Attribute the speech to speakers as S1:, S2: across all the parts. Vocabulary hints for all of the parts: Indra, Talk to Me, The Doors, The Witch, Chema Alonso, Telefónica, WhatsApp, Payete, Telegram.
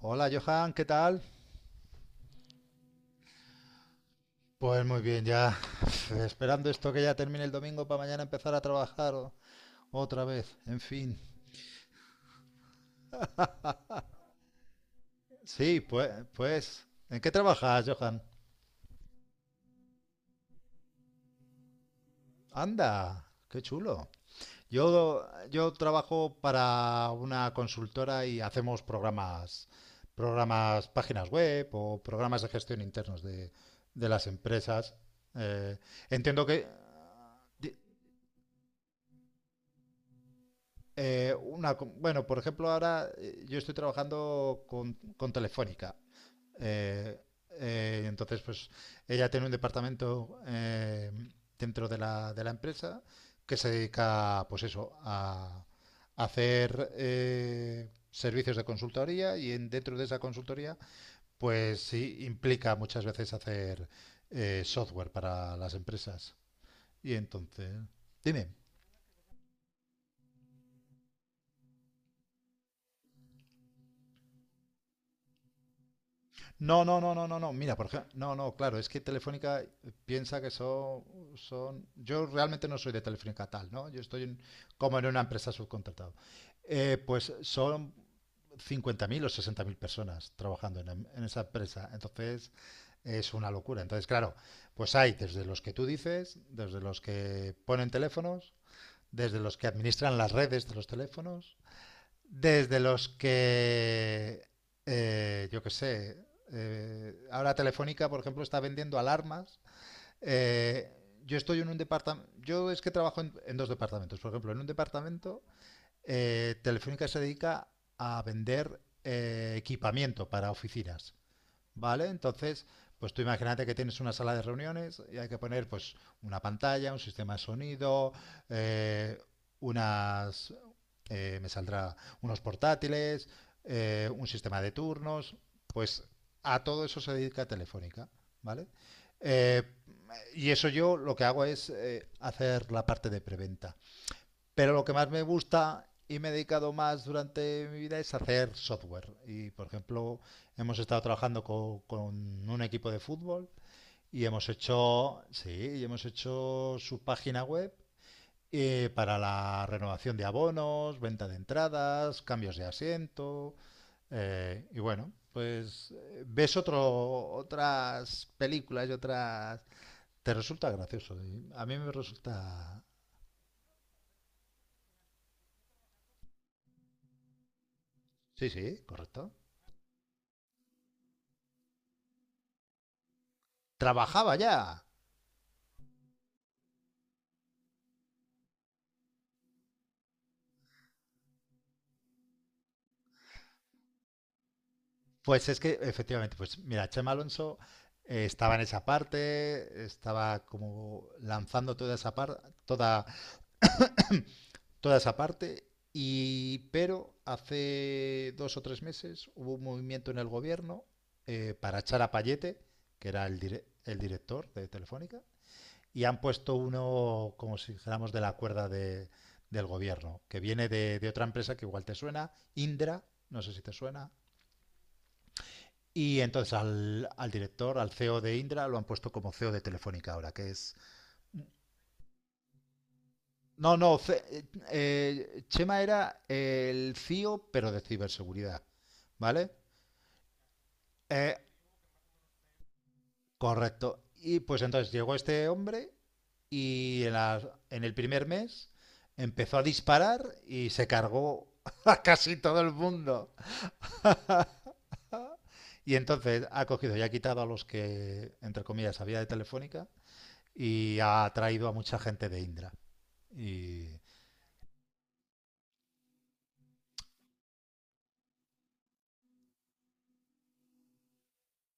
S1: Hola Johan, ¿qué tal? Pues muy bien, ya esperando esto que ya termine el domingo para mañana empezar a trabajar otra vez, en fin. Sí, pues, ¿en qué trabajas, Johan? Anda, qué chulo. Yo trabajo para una consultora y hacemos programas, páginas web o programas de gestión internos de las empresas. Eh, Entiendo que... bueno, por ejemplo, ahora yo estoy trabajando con, Telefónica. Eh, entonces, pues ella tiene un departamento dentro de la empresa que se dedica, pues eso, a, hacer servicios de consultoría y dentro de esa consultoría, pues sí, implica muchas veces hacer software para las empresas. Y entonces, dime. No, no, no, no, no, no. Mira, por ejemplo, no, no, claro, es que Telefónica piensa que son. Yo realmente no soy de Telefónica tal, ¿no? Yo estoy como en una empresa subcontratado. Pues son 50.000 o 60.000 personas trabajando en esa empresa. Entonces, es una locura. Entonces, claro, pues hay desde los que tú dices, desde los que ponen teléfonos, desde los que administran las redes de los teléfonos, desde los que, yo qué sé, ahora Telefónica, por ejemplo, está vendiendo alarmas. Eh, yo estoy en un departamento, yo es que trabajo en dos departamentos, por ejemplo, en un departamento Telefónica se dedica a vender equipamiento para oficinas. ¿Vale? Entonces, pues tú imagínate que tienes una sala de reuniones y hay que poner pues una pantalla, un sistema de sonido, eh, unas, me saldrá unos portátiles, un sistema de turnos, pues a todo eso se dedica Telefónica, ¿vale? Eh, y eso yo lo que hago es hacer la parte de preventa. Pero lo que más me gusta y me he dedicado más durante mi vida es hacer software. Y, por ejemplo, hemos estado trabajando con un equipo de fútbol y hemos hecho, sí, y hemos hecho su página web para la renovación de abonos, venta de entradas, cambios de asiento. Y bueno, pues ves otras películas y otras... Te resulta gracioso. A mí me resulta... Sí, sí, correcto. Trabajaba ya. Pues es que efectivamente, pues mira, Chema Alonso estaba en esa parte, estaba como lanzando toda esa parte, y pero hace 2 o 3 meses hubo un movimiento en el gobierno para echar a Payete, que era el director de Telefónica, y han puesto uno, como si dijéramos, de la cuerda del gobierno, que viene de, otra empresa que igual te suena, Indra, no sé si te suena. Y entonces al director, al CEO de Indra, lo han puesto como CEO de Telefónica ahora, que es... No, no, Chema era el CEO, pero de ciberseguridad, ¿vale? Eh, Correcto. Y pues entonces llegó este hombre y en el primer mes empezó a disparar y se cargó a casi todo el mundo. Y entonces ha cogido y ha quitado a los que, entre comillas, había de Telefónica y ha traído a mucha gente de Indra. Y,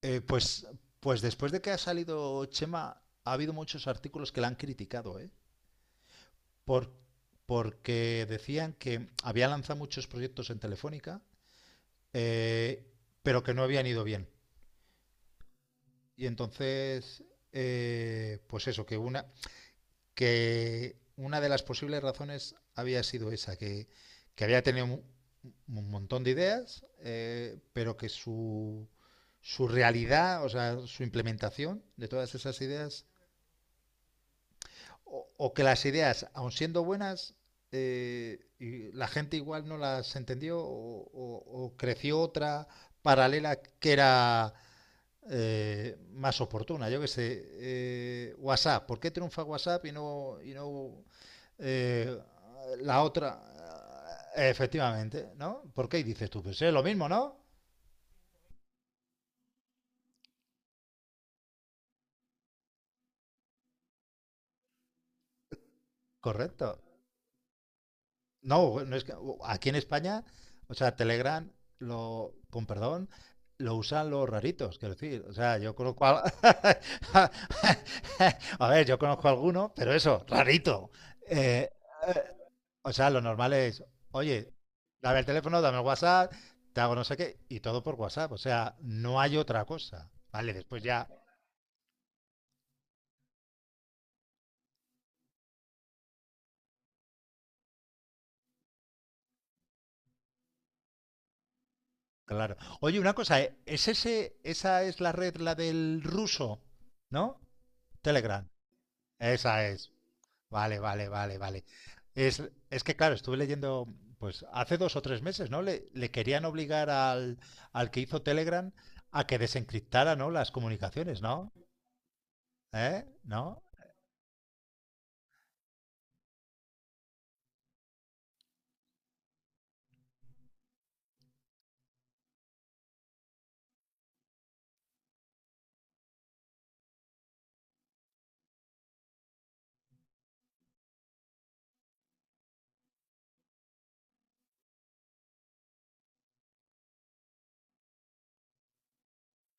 S1: eh, pues, pues después de que ha salido Chema, ha habido muchos artículos que la han criticado, ¿eh? Por, Porque decían que había lanzado muchos proyectos en Telefónica, eh, pero que no habían ido bien. Y entonces, pues eso, que una de las posibles razones había sido esa, que había tenido un montón de ideas, pero que su realidad, o sea, su implementación de todas esas ideas, o que las ideas, aun siendo buenas, y la gente igual no las entendió o, o creció otra paralela que era más oportuna. Yo que sé, WhatsApp, ¿por qué triunfa WhatsApp y no eh, la otra? Efectivamente, ¿no? ¿Por qué? Y dices tú, pues es lo mismo, ¿no? Correcto. No, no es que, aquí en España, o sea, Telegram, lo, con perdón, lo usan los raritos, quiero decir. O sea, yo conozco a... a ver, yo conozco a alguno, pero eso, rarito. Eh, O sea, lo normal es, oye, dame el teléfono, dame el WhatsApp, te hago no sé qué, y todo por WhatsApp. O sea, no hay otra cosa. Vale, después ya, claro. Oye, una cosa, ¿eh? Esa es la red, la del ruso, ¿no? Telegram. Esa es. Vale, vale, vale, vale. Es, es que, claro, estuve leyendo, pues hace 2 o 3 meses, ¿no? Le querían obligar al que hizo Telegram a que desencriptara, ¿no? Las comunicaciones, ¿no? ¿Eh? ¿No?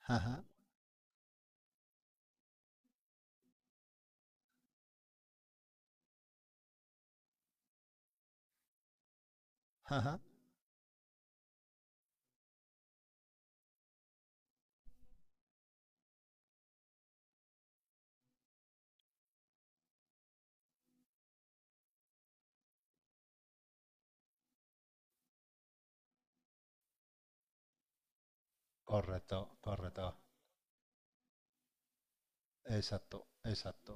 S1: Ajá, ajá. Correcto, correcto. Exacto, exacto.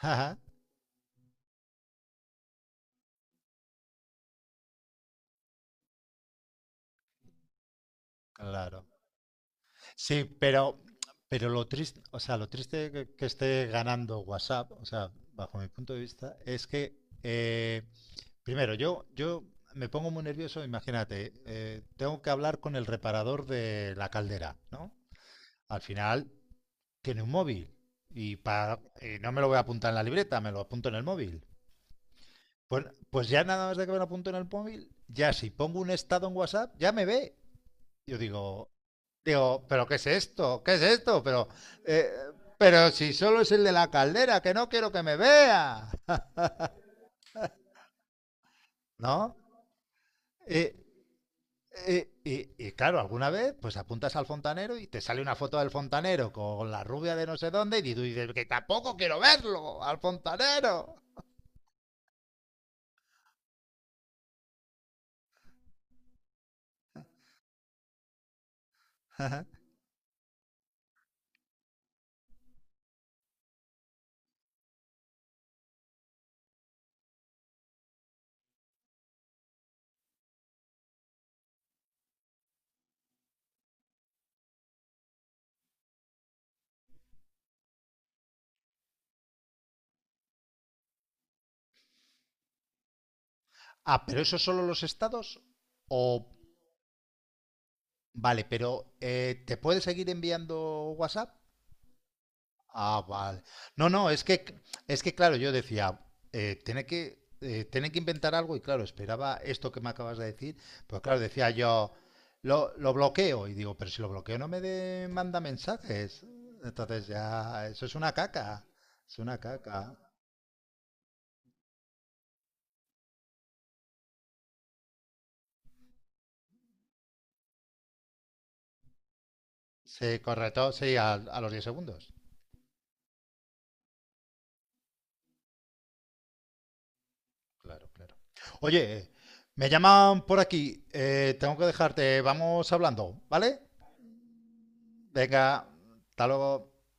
S1: Ajá, claro. Sí, pero, lo triste, o sea, lo triste que esté ganando WhatsApp, o sea, bajo mi punto de vista, es que eh, primero yo me pongo muy nervioso. Imagínate, tengo que hablar con el reparador de la caldera, ¿no? Al final tiene un móvil y no me lo voy a apuntar en la libreta, me lo apunto en el móvil. Pues ya nada más de que me lo apunto en el móvil, ya si pongo un estado en WhatsApp, ya me ve. Yo digo, pero ¿qué es esto? ¿Qué es esto? Eh, pero si solo es el de la caldera, que no quiero que me vea. ¿No? Eh, y claro, alguna vez pues apuntas al fontanero y te sale una foto del fontanero con la rubia de no sé dónde y tú dices que tampoco quiero verlo al fontanero. Ah, pero eso solo los estados o Vale, pero ¿te puede seguir enviando WhatsApp? Ah, vale. No, no, es que, claro, yo decía, tiene que inventar algo y claro, esperaba esto que me acabas de decir, pero claro, decía yo, lo bloqueo y digo, pero si lo bloqueo no me manda mensajes. Entonces ya, eso es una caca, es una caca. Sí, correcto, sí, a los 10 segundos. Claro, claro. Oye, me llaman por aquí, tengo que dejarte, vamos hablando, ¿vale? Venga, hasta luego.